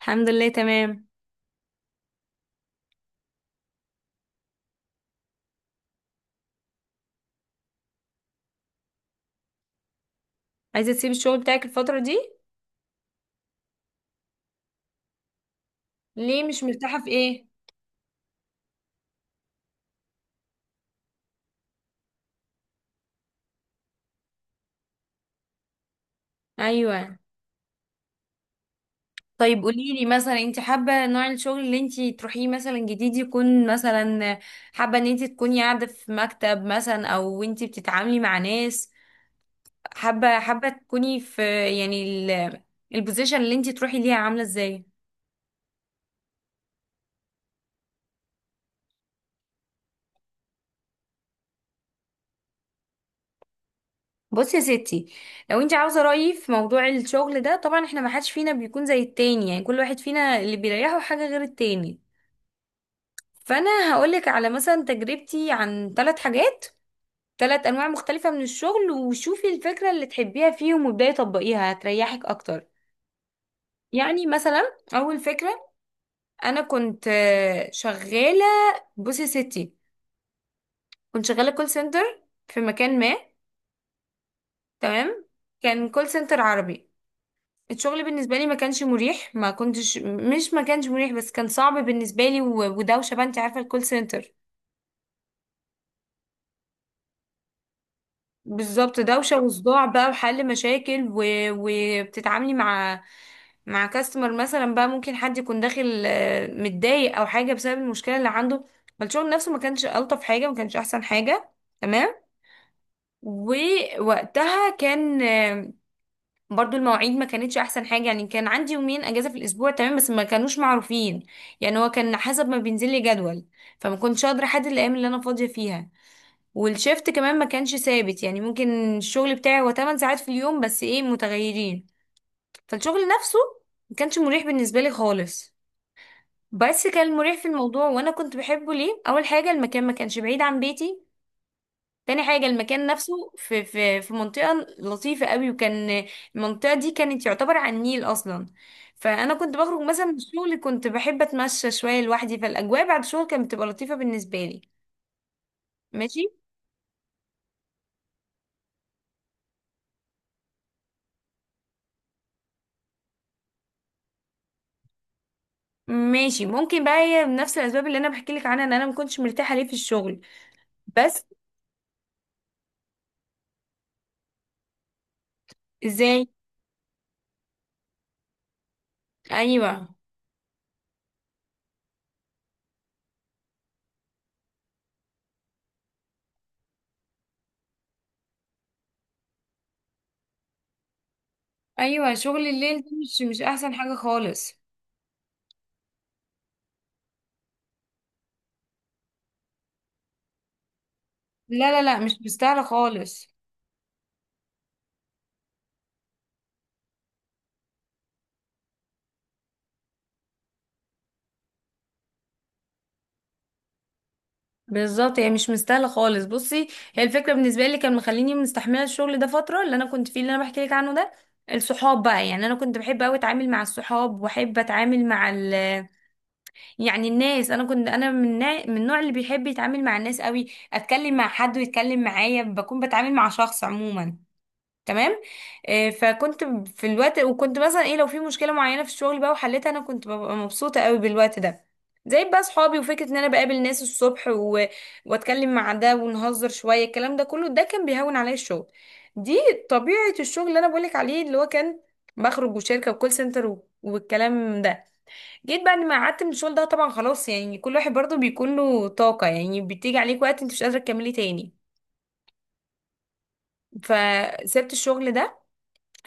الحمد لله، تمام. عايزة تسيبي الشغل بتاعك الفترة دي؟ ليه مش مرتاحة؟ في ايه؟ ايوه. طيب، قوليلي مثلا، انت حابة نوع الشغل اللي انت تروحيه مثلا جديد يكون مثلا، حابة ان انت تكوني قاعدة في مكتب مثلا او انت بتتعاملي مع ناس؟ حابة تكوني في، يعني ال- البوزيشن اللي انت تروحي ليها عاملة ازاي؟ بصي يا ستي، لو انت عاوزه رايي في موضوع الشغل ده، طبعا احنا ما حدش فينا بيكون زي التاني، يعني كل واحد فينا اللي بيريحه حاجه غير التاني. فانا هقولك على مثلا تجربتي عن ثلاث حاجات، ثلاث انواع مختلفة من الشغل، وشوفي الفكرة اللي تحبيها فيهم وابداي طبقيها، هتريحك اكتر. يعني مثلا اول فكرة، انا كنت شغالة. بصي يا ستي، كنت شغالة كول سنتر في مكان ما. تمام. كان كول سنتر عربي. الشغل بالنسبة لي ما كانش مريح، ما كنتش مش ما كانش مريح، بس كان صعب بالنسبة لي ودوشة بقى، انت عارفة الكول سنتر. بالظبط، دوشة وصداع بقى، وحل مشاكل وبتتعاملي مع كاستمر مثلا، بقى ممكن حد يكون داخل متضايق او حاجة بسبب المشكلة اللي عنده. فالشغل نفسه ما كانش ألطف حاجة، ما كانش احسن حاجة. تمام. ووقتها كان آه، برضو المواعيد ما كانتش احسن حاجة، يعني كان عندي يومين اجازة في الاسبوع، تمام، بس ما كانوش معروفين. يعني هو كان حسب ما بينزل لي جدول، فما كنتش قادرة احدد الايام اللي انا فاضية فيها. والشيفت كمان ما كانش ثابت، يعني ممكن الشغل بتاعي هو 8 ساعات في اليوم، بس ايه، متغيرين. فالشغل نفسه ما كانش مريح بالنسبة لي خالص. بس كان مريح في الموضوع، وانا كنت بحبه ليه. اول حاجة، المكان ما كانش بعيد عن بيتي. تاني حاجة، المكان نفسه في منطقة لطيفة قوي، وكان المنطقة دي كانت يعتبر على النيل أصلا. فأنا كنت بخرج مثلا من الشغل، كنت بحب أتمشى شوية لوحدي، فالأجواء بعد الشغل كانت بتبقى لطيفة بالنسبة لي. ماشي. ماشي، ممكن بقى هي بنفس الاسباب اللي انا بحكي لك عنها ان انا ما كنتش مرتاحه ليه في الشغل. بس ازاي؟ ايوه، ايوه، شغل الليل ده مش احسن حاجه خالص. لا، لا، لا، مش مستاهلة خالص. بالظبط، هي مش مستاهله خالص. بصي، هي الفكره بالنسبه لي كان مخليني مستحمله الشغل ده فتره اللي انا كنت فيه اللي انا بحكي لك عنه ده. الصحاب بقى، يعني انا كنت بحب قوي اتعامل مع الصحاب واحب اتعامل مع ال يعني الناس. انا كنت انا من النوع اللي بيحب يتعامل مع الناس قوي، اتكلم مع حد ويتكلم معايا، بكون بتعامل مع شخص عموما. تمام. فكنت في الوقت، وكنت مثلا ايه لو في مشكله معينه في الشغل بقى وحلتها، انا كنت ببقى مبسوطه قوي بالوقت ده. زي بقى صحابي، وفكره ان انا بقابل ناس الصبح واتكلم مع ده ونهزر شويه، الكلام ده كله ده كان بيهون عليا الشغل. دي طبيعه الشغل اللي انا بقولك عليه، اللي هو كان بخرج وشركه وكول سنتر والكلام ده. جيت بعد ما قعدت من الشغل ده طبعا، خلاص يعني كل واحد برضه بيكون له طاقة، يعني بتيجي عليك وقت انت مش قادرة تكملي تاني. فسبت الشغل ده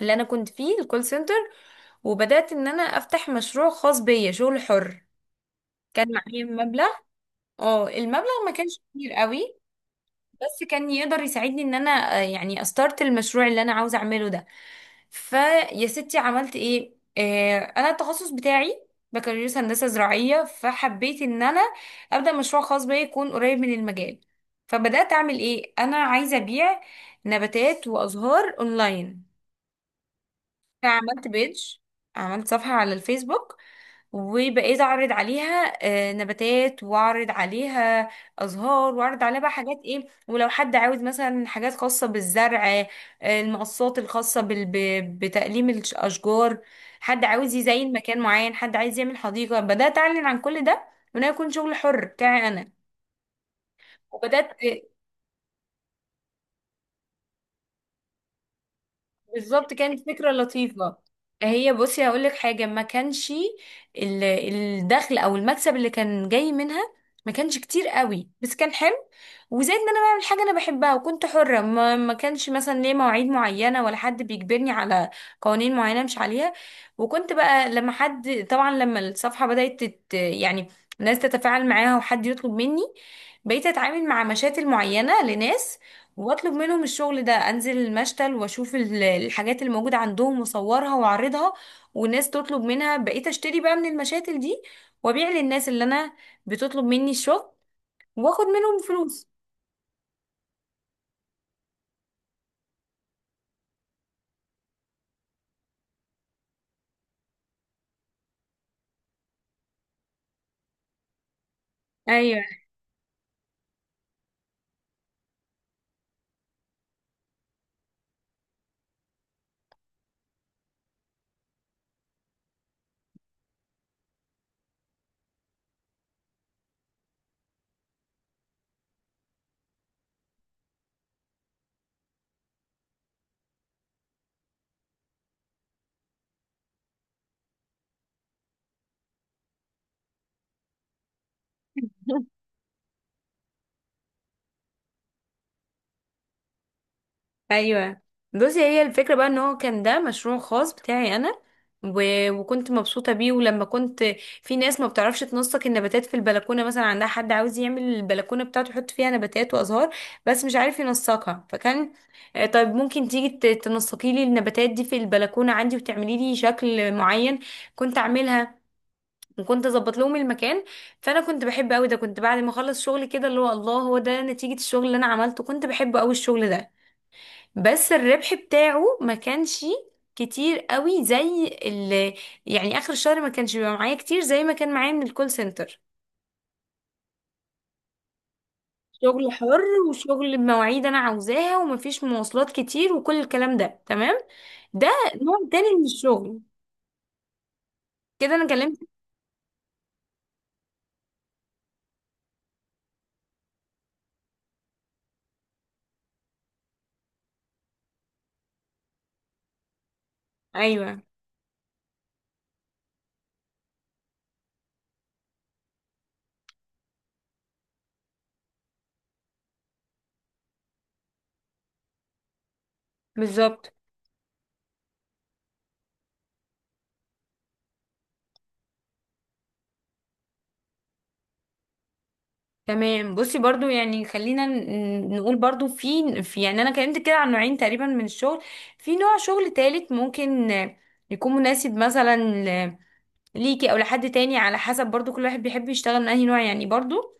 اللي انا كنت فيه، الكول سنتر. وبدأت ان انا افتح مشروع خاص بيا، شغل حر. كان معايا مبلغ. اه المبلغ ما كانش كبير قوي، بس كان يقدر يساعدني ان انا يعني استارت المشروع اللي انا عاوزه اعمله ده. فيا ستي عملت ايه. انا التخصص بتاعي بكالوريوس هندسه زراعيه، فحبيت ان انا ابدا مشروع خاص بيا يكون قريب من المجال. فبدات اعمل ايه. انا عايزه ابيع نباتات وازهار اونلاين. انا عملت بيج، عملت صفحة على الفيسبوك، وبقيت اعرض عليها نباتات، واعرض عليها ازهار، واعرض عليها بقى حاجات ايه، ولو حد عاوز مثلا حاجات خاصة بالزرع، المقصات الخاصة بتقليم الاشجار. حد عاوز يزين مكان معين، حد عايز يعمل حديقة، بدأت اعلن عن كل ده، وانا يكون شغل حر بتاعي انا. وبدأت. بالظبط، كانت فكرة لطيفة. هي بصي هقول لك حاجة، ما كانش الدخل او المكسب اللي كان جاي منها ما كانش كتير قوي، بس كان حلو. وزائد ان انا بعمل حاجة انا بحبها، وكنت حرة، ما كانش مثلا ليه مواعيد معينة، ولا حد بيجبرني على قوانين معينة مش عليها. وكنت بقى لما حد، طبعا لما الصفحة بدأت يعني الناس تتفاعل معاها وحد يطلب مني، بقيت اتعامل مع مشاتل معينة لناس، واطلب منهم الشغل ده، انزل المشتل واشوف الحاجات اللي موجوده عندهم، واصورها واعرضها. والناس تطلب منها، بقيت اشتري بقى من المشاتل دي، وابيع للناس اللي انا بتطلب مني الشغل، واخد منهم فلوس. ايوه. ايوه، بصي هي الفكره بقى، ان هو كان ده مشروع خاص بتاعي انا، وكنت مبسوطه بيه. ولما كنت، في ناس ما بتعرفش تنسق النباتات في البلكونه، مثلا عندها حد عاوز يعمل البلكونه بتاعته يحط فيها نباتات وازهار بس مش عارف ينسقها، فكان طيب ممكن تيجي تنسقي لي النباتات دي في البلكونه عندي وتعملي لي شكل معين، كنت اعملها، وكنت اظبط لهم المكان. فانا كنت بحب قوي ده، كنت بعد ما اخلص شغل كده اللي هو، الله، هو ده نتيجه الشغل اللي انا عملته، كنت بحب قوي الشغل ده. بس الربح بتاعه ما كانش كتير قوي زي اللي، يعني اخر الشهر ما كانش بيبقى معايا كتير زي ما كان معايا من الكول سنتر. شغل حر، وشغل بمواعيد انا عاوزاها، ومفيش مواصلات كتير، وكل الكلام ده. تمام. ده نوع تاني من الشغل، كده انا كلمت. ايوه، بالظبط. تمام، بصي برضو، يعني خلينا نقول برضو في يعني انا كلمت كده عن نوعين تقريبا من الشغل. في نوع شغل تالت ممكن يكون مناسب مثلا ليكي او لحد تاني، على حسب برضو كل واحد بيحب يشتغل من انهي نوع يعني. برضو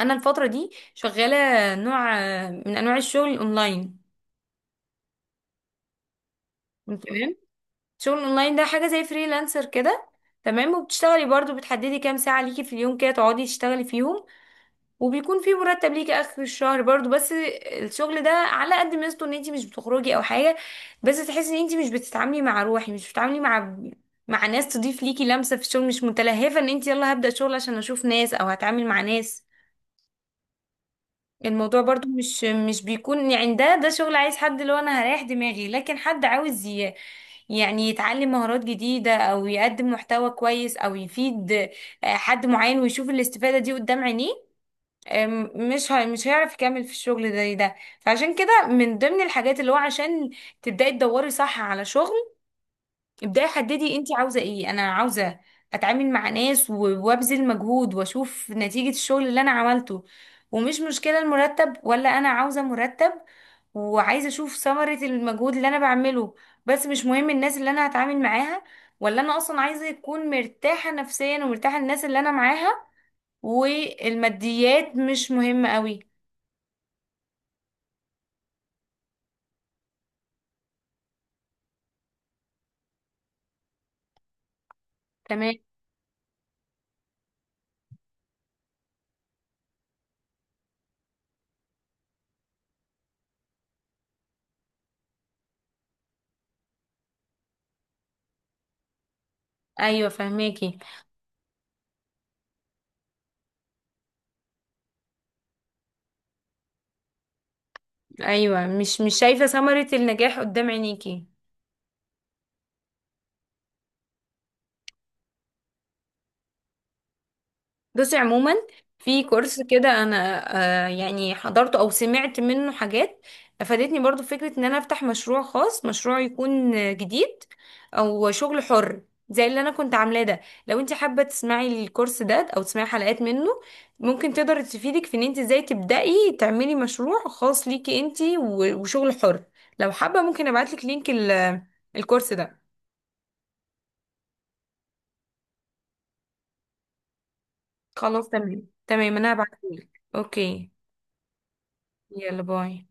انا الفترة دي شغالة نوع من انواع الشغل الاونلاين. تمام. الشغل الاونلاين ده حاجة زي فريلانسر كده. تمام، وبتشتغلي برضو، بتحددي كام ساعة ليكي في اليوم كده تقعدي تشتغلي فيهم، وبيكون في مرتب ليكي اخر الشهر برضو. بس الشغل ده على قد ميزته ان انتي مش بتخرجي او حاجة، بس تحسي ان انتي مش بتتعاملي مع روحي، مش بتتعاملي مع ناس تضيف ليكي لمسة في الشغل، مش متلهفة ان انتي، يلا هبدأ شغل عشان اشوف ناس او هتعامل مع ناس. الموضوع برضو مش بيكون يعني، ده شغل عايز حد اللي هو انا هريح دماغي، لكن حد عاوز يعني يتعلم مهارات جديدة او يقدم محتوى كويس او يفيد حد معين ويشوف الاستفادة دي قدام عينيه. مش هيعرف يكمل في الشغل ده، فعشان كده من ضمن الحاجات اللي هو عشان تبدأي تدوري صح على شغل، ابداي حددي انت عاوزه ايه. انا عاوزه اتعامل مع ناس وابذل مجهود واشوف نتيجه الشغل اللي انا عملته، ومش مشكله المرتب، ولا انا عاوزه مرتب وعايزه اشوف ثمره المجهود اللي انا بعمله. بس مش مهم الناس اللي انا هتعامل معاها، ولا انا اصلا عايزه اكون مرتاحه نفسيا ومرتاحه للناس اللي انا معاها، والماديات مش مهمه قوي. تمام. ايوه، فهماكي. ايوه، مش شايفه ثمره النجاح قدام عينيكي. بصي عموما، في كورس كده انا يعني حضرته او سمعت منه حاجات افادتني، برضو فكرة ان انا افتح مشروع خاص، مشروع يكون جديد، او شغل حر زي اللي انا كنت عاملاه ده. لو انت حابة تسمعي الكورس ده او تسمعي حلقات منه، ممكن تقدر تفيدك في ان انت ازاي تبدأي تعملي مشروع خاص ليكي انت وشغل حر. لو حابة ممكن ابعتلك لينك الكورس ده. خلاص، تمام تمام، انا هبعتهولك. اوكي، يلا باي.